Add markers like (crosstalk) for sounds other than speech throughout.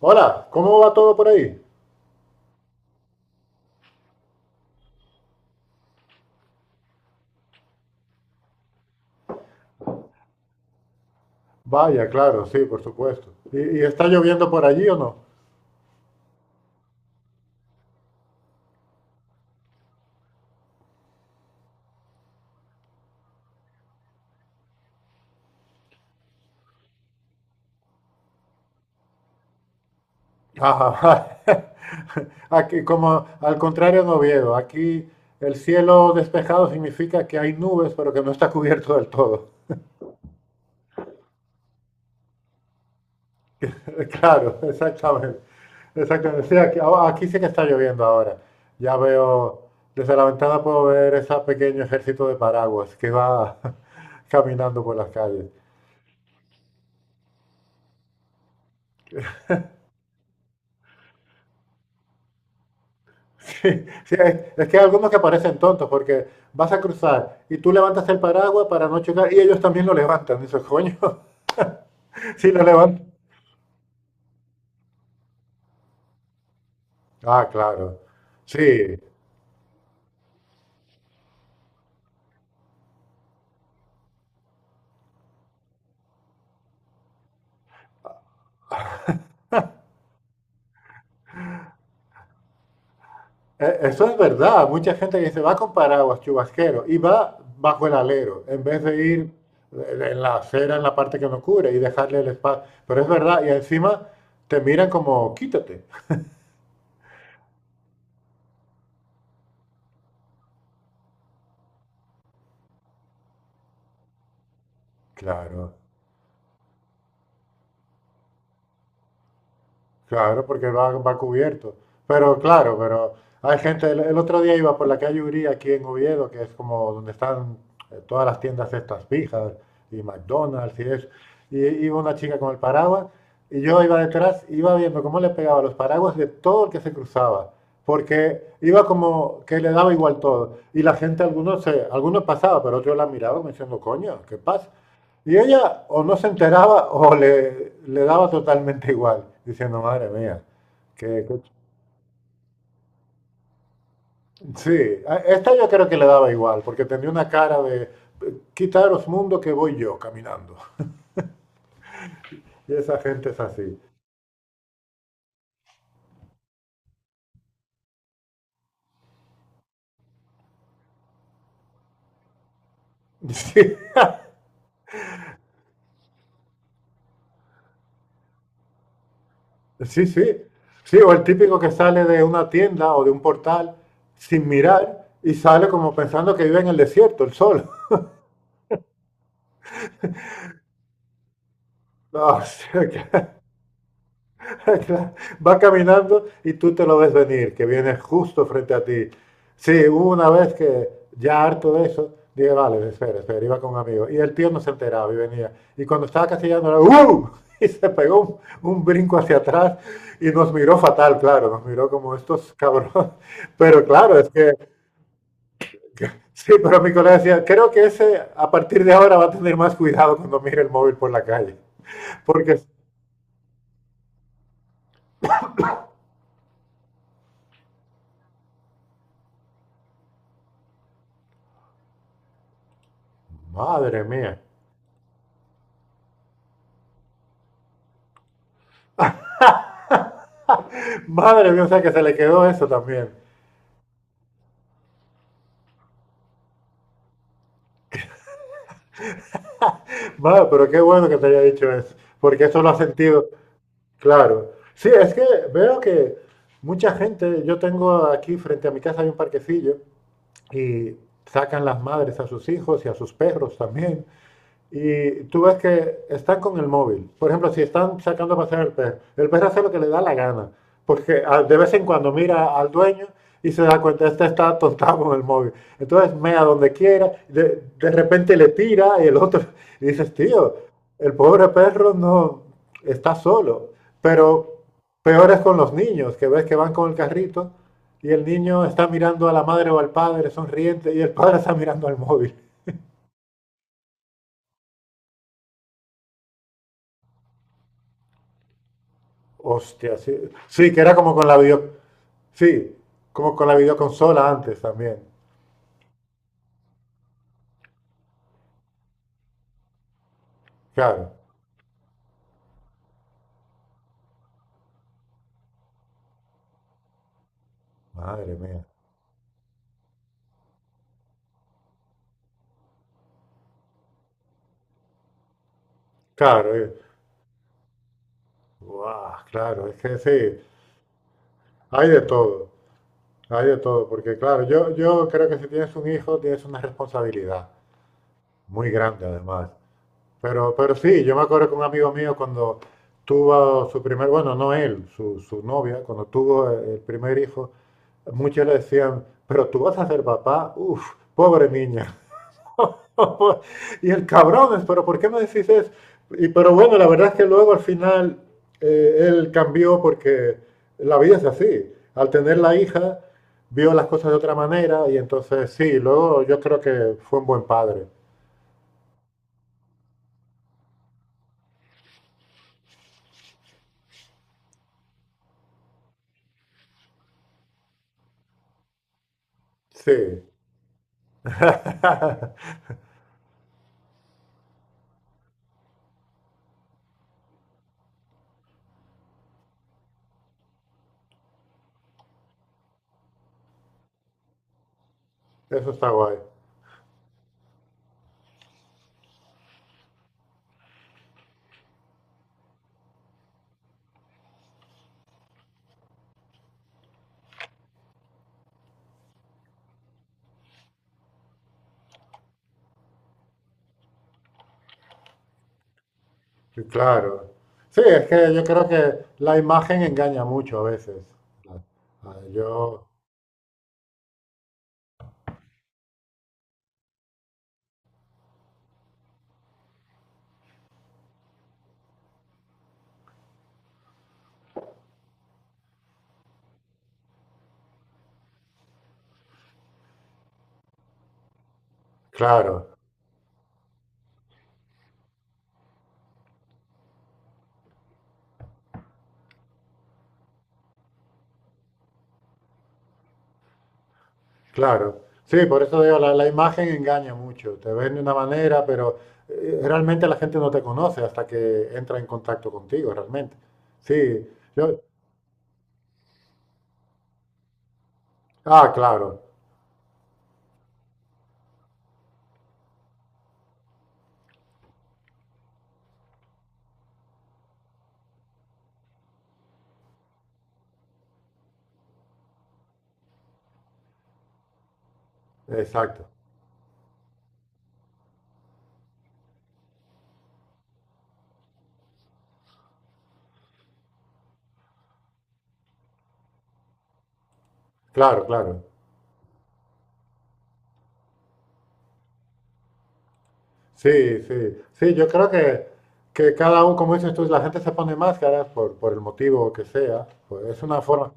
Hola, ¿cómo va todo por ahí? Vaya, claro, sí, por supuesto. ¿Y está lloviendo por allí o no? Ajá. (laughs) Aquí, como al contrario en Oviedo, aquí el cielo despejado significa que hay nubes, pero que no está cubierto del todo. (laughs) Claro, exactamente. Exactamente. Sí, aquí sí que está lloviendo ahora. Ya veo, desde la ventana puedo ver ese pequeño ejército de paraguas que va (laughs) caminando por las calles. (laughs) Sí, sí, es que hay algunos que parecen tontos porque vas a cruzar y tú levantas el paraguas para no chocar y ellos también lo levantan. Dices, coño, (laughs) sí lo levantan. Ah, claro. Sí, eso es verdad. Mucha gente que dice, va con paraguas, chubasquero, y va bajo el alero, en vez de ir en la acera, en la parte que no cubre y dejarle el espacio. Pero es verdad, y encima te miran como, quítate. (laughs) Claro. Claro, porque va, va cubierto. Pero claro, pero hay gente, el otro día iba por la calle Uría aquí en Oviedo, que es como donde están todas las tiendas estas fijas y McDonald's y eso. Y iba una chica con el paraguas y yo iba detrás, iba viendo cómo le pegaba los paraguas de todo el que se cruzaba, porque iba como que le daba igual todo. Y la gente, algunos, algunos pasaba, pero otros la miraban como diciendo, coño, ¿qué pasa? Y ella o no se enteraba o le daba totalmente igual, diciendo, madre mía, que, que- sí, esta yo creo que le daba igual, porque tenía una cara de, quitaros mundo que voy yo caminando. Y esa gente es así. (laughs) Sí, sí, sí. Sí, o el típico que sale de una tienda o de un portal sin mirar y sale como pensando que vive en el desierto, el sol. (laughs) No, o sea. (laughs) Va caminando y tú te lo ves venir, que viene justo frente a ti. Sí, hubo una vez que ya harto de eso, dije, vale, espera, espera, iba con un amigo. Y el tío no se enteraba y venía. Y cuando estaba casi llegando, ¡uh! (laughs) Y se pegó un brinco hacia atrás y nos miró fatal, claro, nos miró como estos cabrones. (laughs) Pero claro, es que sí, pero mi colega decía, creo que ese a partir de ahora va a tener más cuidado cuando mire el móvil por la calle. (laughs) Porque, madre mía, (laughs) madre mía, o sea que se le quedó eso también. Madre, pero qué bueno que te haya dicho eso, porque eso lo ha sentido, claro. Sí, es que veo que mucha gente, yo tengo aquí frente a mi casa hay un parquecillo y sacan las madres a sus hijos y a sus perros también y tú ves que están con el móvil. Por ejemplo, si están sacando a pasear al perro, el perro hace lo que le da la gana, porque de vez en cuando mira al dueño y se da cuenta, este está atontado con el móvil. Entonces mea donde quiera, de repente le tira y el otro, (laughs) y dices, tío, el pobre perro no está solo. Pero peor es con los niños, que ves que van con el carrito y el niño está mirando a la madre o al padre sonriente y el padre está mirando al móvil. Hostia, sí. Sí, que era como con la video. Sí, como con la videoconsola antes también. Claro. Madre mía. Claro, Guau, claro, es que sí. Hay de todo. Hay de todo. Porque, claro, yo creo que si tienes un hijo, tienes una responsabilidad. Muy grande, además. Pero sí, yo me acuerdo que un amigo mío cuando tuvo su primer, bueno, no él, su novia, cuando tuvo el primer hijo, muchos le decían, pero tú vas a ser papá, uff, pobre niña. (laughs) Y el cabrón, pero ¿por qué me decís eso? Y, pero bueno, la verdad es que luego al final él cambió porque la vida es así. Al tener la hija, vio las cosas de otra manera y entonces sí, luego yo creo que fue un buen padre. Sí, (laughs) eso está guay. Sí, claro. Sí, es que yo creo que la imagen engaña mucho a veces. Ah, claro. Claro, sí, por eso digo, la imagen engaña mucho, te ven de una manera, pero realmente la gente no te conoce hasta que entra en contacto contigo, realmente. Sí, yo, claro, exacto, claro, claro. Sí, sí, sí, yo creo que cada uno, como dices tú, la gente se pone máscaras por el motivo que sea, pues es una forma,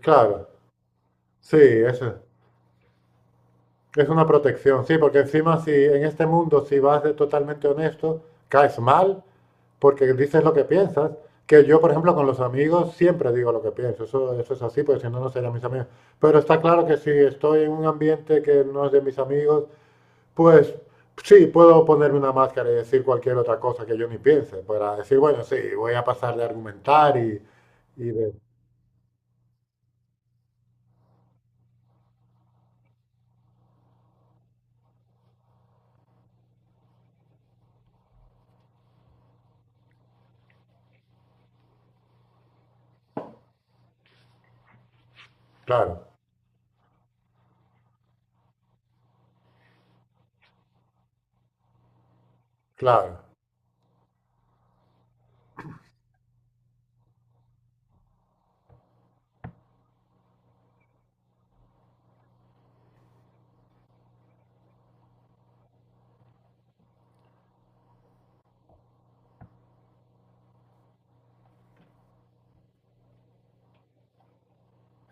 claro, sí, eso es una protección, sí, porque encima si en este mundo si vas de totalmente honesto, caes mal. Porque dices lo que piensas. Que yo, por ejemplo, con los amigos siempre digo lo que pienso. Eso es así, porque si no, no serían mis amigos. Pero está claro que si estoy en un ambiente que no es de mis amigos, pues sí, puedo ponerme una máscara y decir cualquier otra cosa que yo ni piense. Para decir, bueno, sí, voy a pasar de argumentar y de... Claro, claro,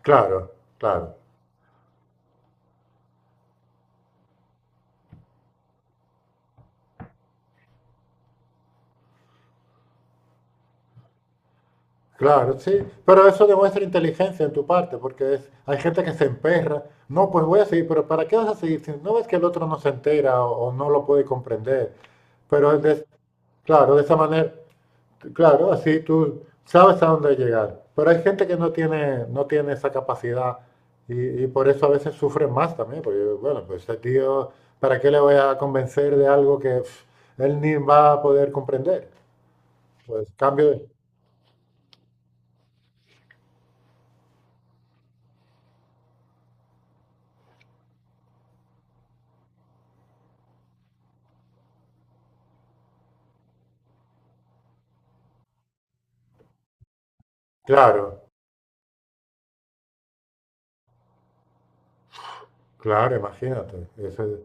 claro, claro. Claro, sí, pero eso demuestra inteligencia en tu parte, porque es, hay gente que se emperra. No, pues voy a seguir, pero ¿para qué vas a seguir? Si no ves que el otro no se entera o no lo puede comprender. Pero es de- claro, de esa manera, claro, así tú sabes a dónde llegar. Pero hay gente que no tiene esa capacidad y por eso a veces sufren más también, porque bueno, pues este tío, ¿para qué le voy a convencer de algo que pf, él ni va a poder comprender? Pues cambio de, claro. Claro, imagínate. eso es-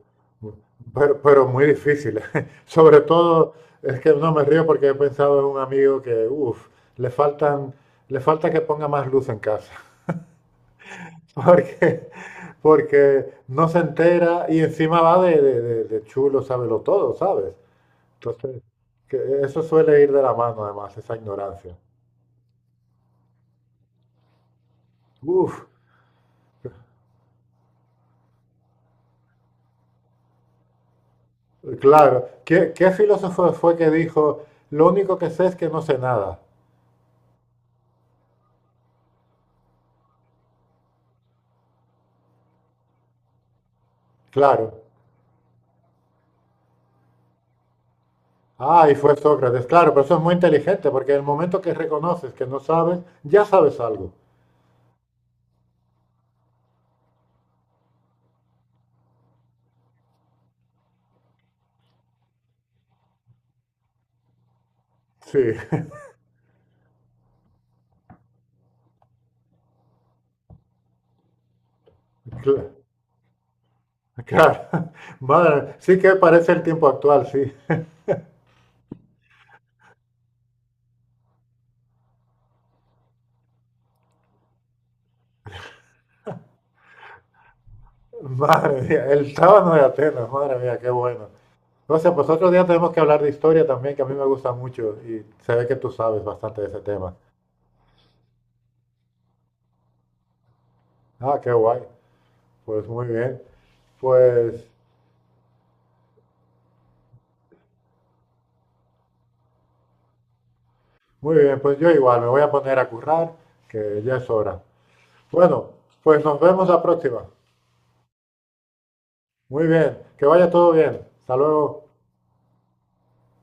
pero, pero muy difícil. (laughs) Sobre todo, es que no me río porque he pensado en un amigo que, uff, le faltan, le falta que ponga más luz en casa. (laughs) Porque, porque no se entera y encima va de chulo, sábelo todo, ¿sabes? Entonces, que eso suele ir de la mano además, esa ignorancia. Uf, claro. ¿Qué filósofo fue que dijo, lo único que sé es que no sé nada? Claro. Ah, y fue Sócrates. Claro, pero eso es muy inteligente, porque en el momento que reconoces que no sabes, ya sabes algo. Sí, (laughs) cla- claro. (laughs) Madre, sí que parece el tiempo actual, sí. Madre mía, el sábado de Atenas, madre mía, qué bueno. O sea, pues otro día tenemos que hablar de historia también, que a mí me gusta mucho y se ve que tú sabes bastante de ese tema. Ah, qué guay. Pues muy bien. Pues muy bien, pues yo igual me voy a poner a currar, que ya es hora. Bueno, pues nos vemos la próxima. Muy bien, que vaya todo bien. Hasta luego.